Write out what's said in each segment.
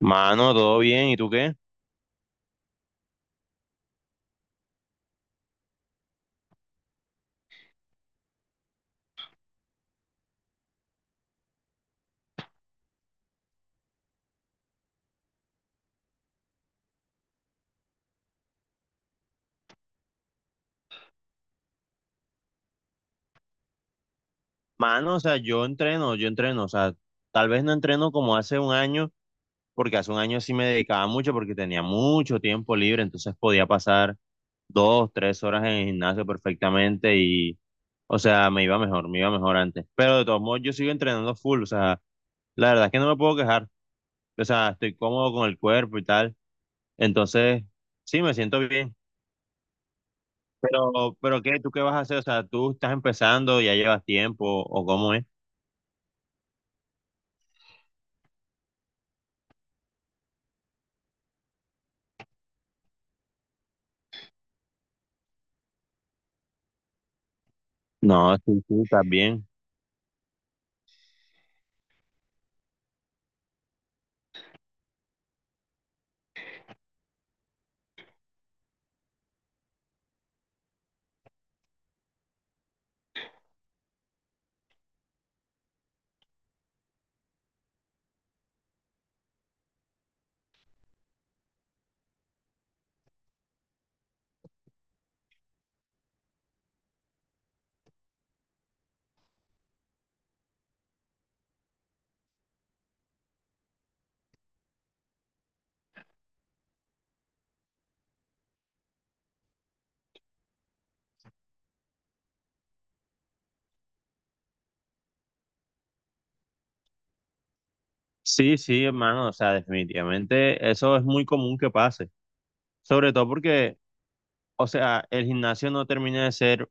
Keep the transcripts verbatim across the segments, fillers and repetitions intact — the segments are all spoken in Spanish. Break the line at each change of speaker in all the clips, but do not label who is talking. Mano, todo bien, ¿y tú qué? Mano, o sea, yo entreno, yo entreno, o sea, tal vez no entreno como hace un año, porque hace un año sí me dedicaba mucho porque tenía mucho tiempo libre, entonces podía pasar dos, tres horas en el gimnasio perfectamente y, o sea, me iba mejor, me iba mejor antes. Pero de todos modos, yo sigo entrenando full, o sea, la verdad es que no me puedo quejar, o sea, estoy cómodo con el cuerpo y tal, entonces sí, me siento bien. Pero, pero ¿qué? ¿Tú qué vas a hacer? O sea, ¿tú estás empezando, ya llevas tiempo o cómo es? No, sí, sí, también. Sí, sí, hermano, o sea, definitivamente eso es muy común que pase, sobre todo porque, o sea, el gimnasio no termina de ser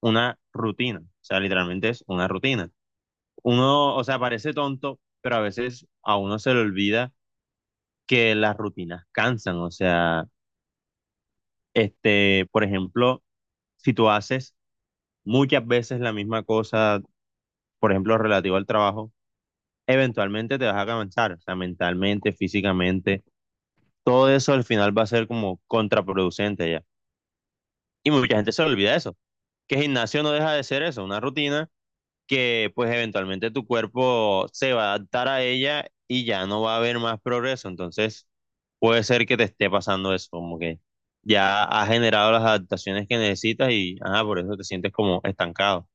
una rutina, o sea, literalmente es una rutina. Uno, o sea, parece tonto, pero a veces a uno se le olvida que las rutinas cansan, o sea, este, por ejemplo, si tú haces muchas veces la misma cosa, por ejemplo, relativo al trabajo, eventualmente te vas a cansar, o sea, mentalmente, físicamente todo eso al final va a ser como contraproducente ya. Y mucha gente se le olvida eso, que el gimnasio no deja de ser eso, una rutina que pues eventualmente tu cuerpo se va a adaptar a ella y ya no va a haber más progreso. Entonces puede ser que te esté pasando eso, como que ya has generado las adaptaciones que necesitas y ajá, por eso te sientes como estancado.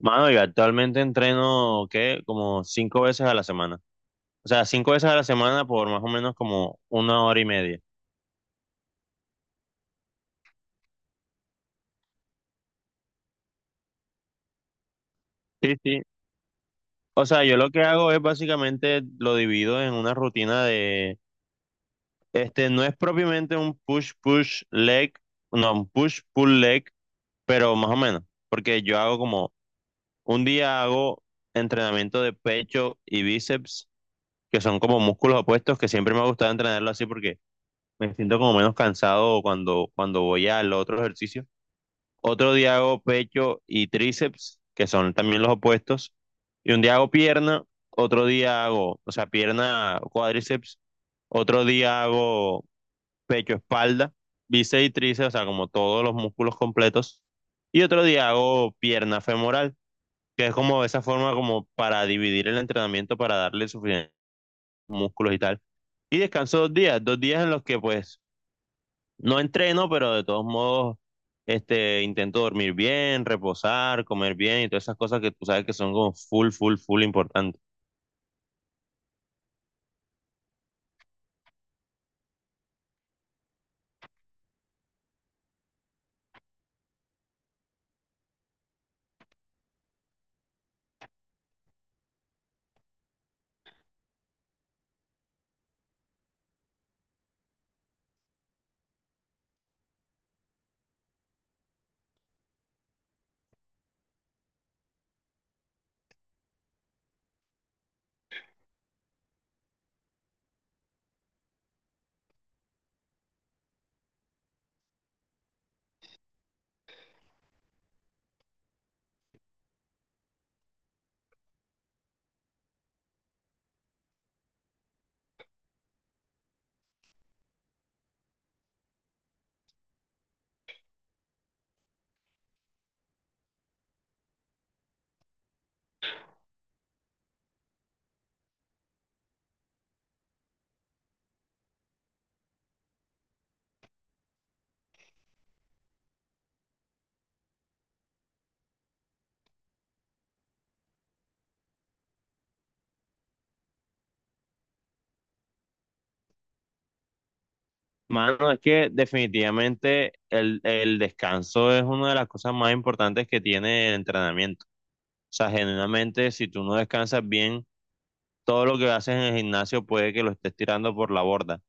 Mano, yo actualmente entreno, ¿qué? Como cinco veces a la semana. O sea, cinco veces a la semana por más o menos como una hora y media. Sí, sí. O sea, yo lo que hago es básicamente lo divido en una rutina de, este, no es propiamente un push, push, leg, no, un push, pull, leg, pero más o menos, porque yo hago como, un día hago entrenamiento de pecho y bíceps, que son como músculos opuestos, que siempre me ha gustado entrenarlo así porque me siento como menos cansado cuando, cuando voy al otro ejercicio. Otro día hago pecho y tríceps, que son también los opuestos, y un día hago pierna, otro día hago, o sea, pierna, cuádriceps, otro día hago pecho, espalda, bíceps y tríceps, o sea, como todos los músculos completos, y otro día hago pierna femoral, que es como esa forma como para dividir el entrenamiento, para darle suficientes músculos y tal. Y descanso dos días, dos días en los que pues no entreno, pero de todos modos, este, intento dormir bien, reposar, comer bien y todas esas cosas que tú sabes que son como full, full, full importantes. Mano, es que definitivamente el, el descanso es una de las cosas más importantes que tiene el entrenamiento. O sea, generalmente, si tú no descansas bien, todo lo que haces en el gimnasio puede que lo estés tirando por la borda.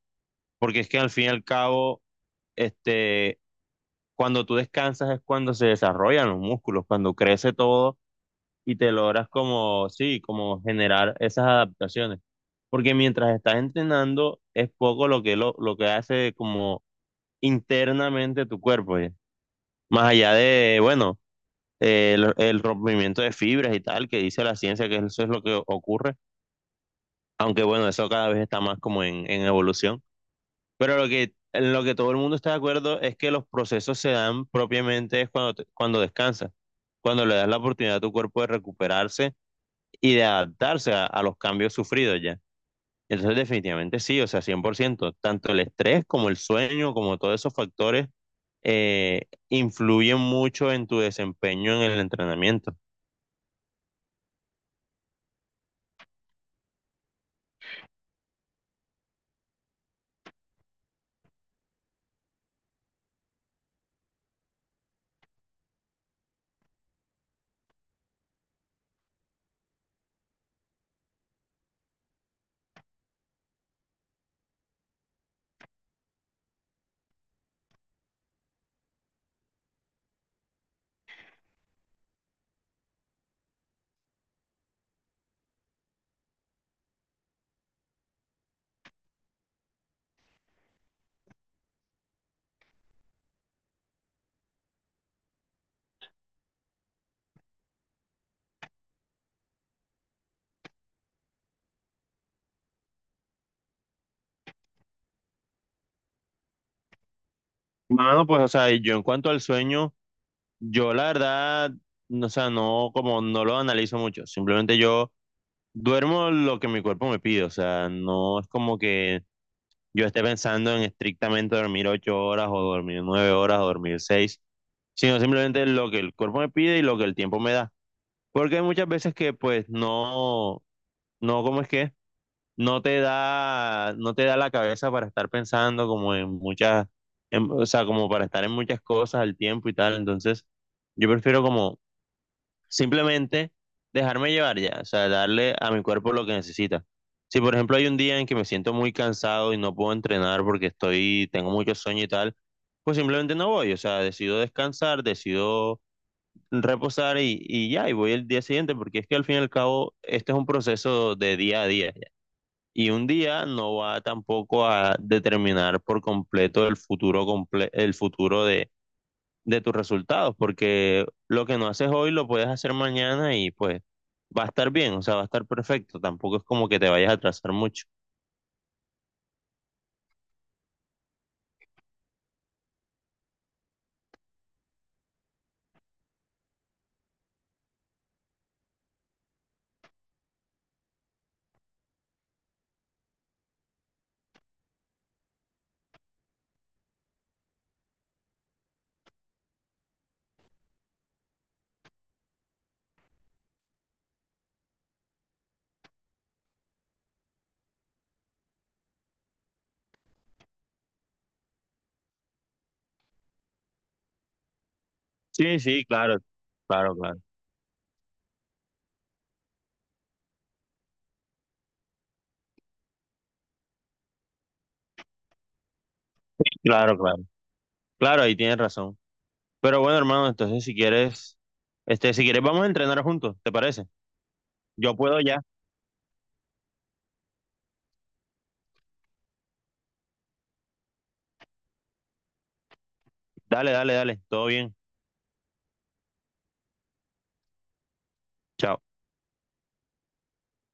Porque es que al fin y al cabo, este, cuando tú descansas es cuando se desarrollan los músculos, cuando crece todo y te logras como, sí, como generar esas adaptaciones. Porque mientras estás entrenando es poco lo que, lo, lo que hace como internamente tu cuerpo, ¿ya? Más allá de, bueno, eh, el, el rompimiento de fibras y tal, que dice la ciencia que eso es lo que ocurre, aunque bueno, eso cada vez está más como en, en, evolución. Pero lo que, en lo que todo el mundo está de acuerdo es que los procesos se dan propiamente es cuando, te- cuando descansas, cuando le das la oportunidad a tu cuerpo de recuperarse y de adaptarse a, a los cambios sufridos ya. Entonces, definitivamente sí, o sea, cien por ciento tanto el estrés como el sueño, como todos esos factores eh, influyen mucho en tu desempeño en el entrenamiento. Mano, pues, o sea, yo en cuanto al sueño, yo la verdad, no, o sea, no, como no lo analizo mucho, simplemente yo duermo lo que mi cuerpo me pide, o sea, no es como que yo esté pensando en estrictamente dormir ocho horas o dormir nueve horas o dormir seis, sino simplemente lo que el cuerpo me pide y lo que el tiempo me da. Porque hay muchas veces que pues no, no, ¿cómo es que? No te da, no te da la cabeza para estar pensando como en muchas, en- o sea, como para estar en muchas cosas al tiempo y tal. Entonces, yo prefiero como simplemente dejarme llevar ya, o sea, darle a mi cuerpo lo que necesita. Si por ejemplo hay un día en que me siento muy cansado y no puedo entrenar porque estoy, tengo mucho sueño y tal, pues simplemente no voy, o sea, decido descansar, decido reposar y, y ya, y voy el día siguiente, porque es que al fin y al cabo este es un proceso de día a día. Y un día no va tampoco a determinar por completo el futuro, comple- el futuro de, de tus resultados, porque lo que no haces hoy lo puedes hacer mañana y pues va a estar bien, o sea, va a estar perfecto, tampoco es como que te vayas a atrasar mucho. Sí, sí, claro, claro, claro, claro, claro, claro, ahí tienes razón. Pero bueno, hermano, entonces si quieres, este, si quieres vamos a entrenar juntos, ¿te parece? Yo puedo ya. Dale, dale, dale, todo bien. Chao.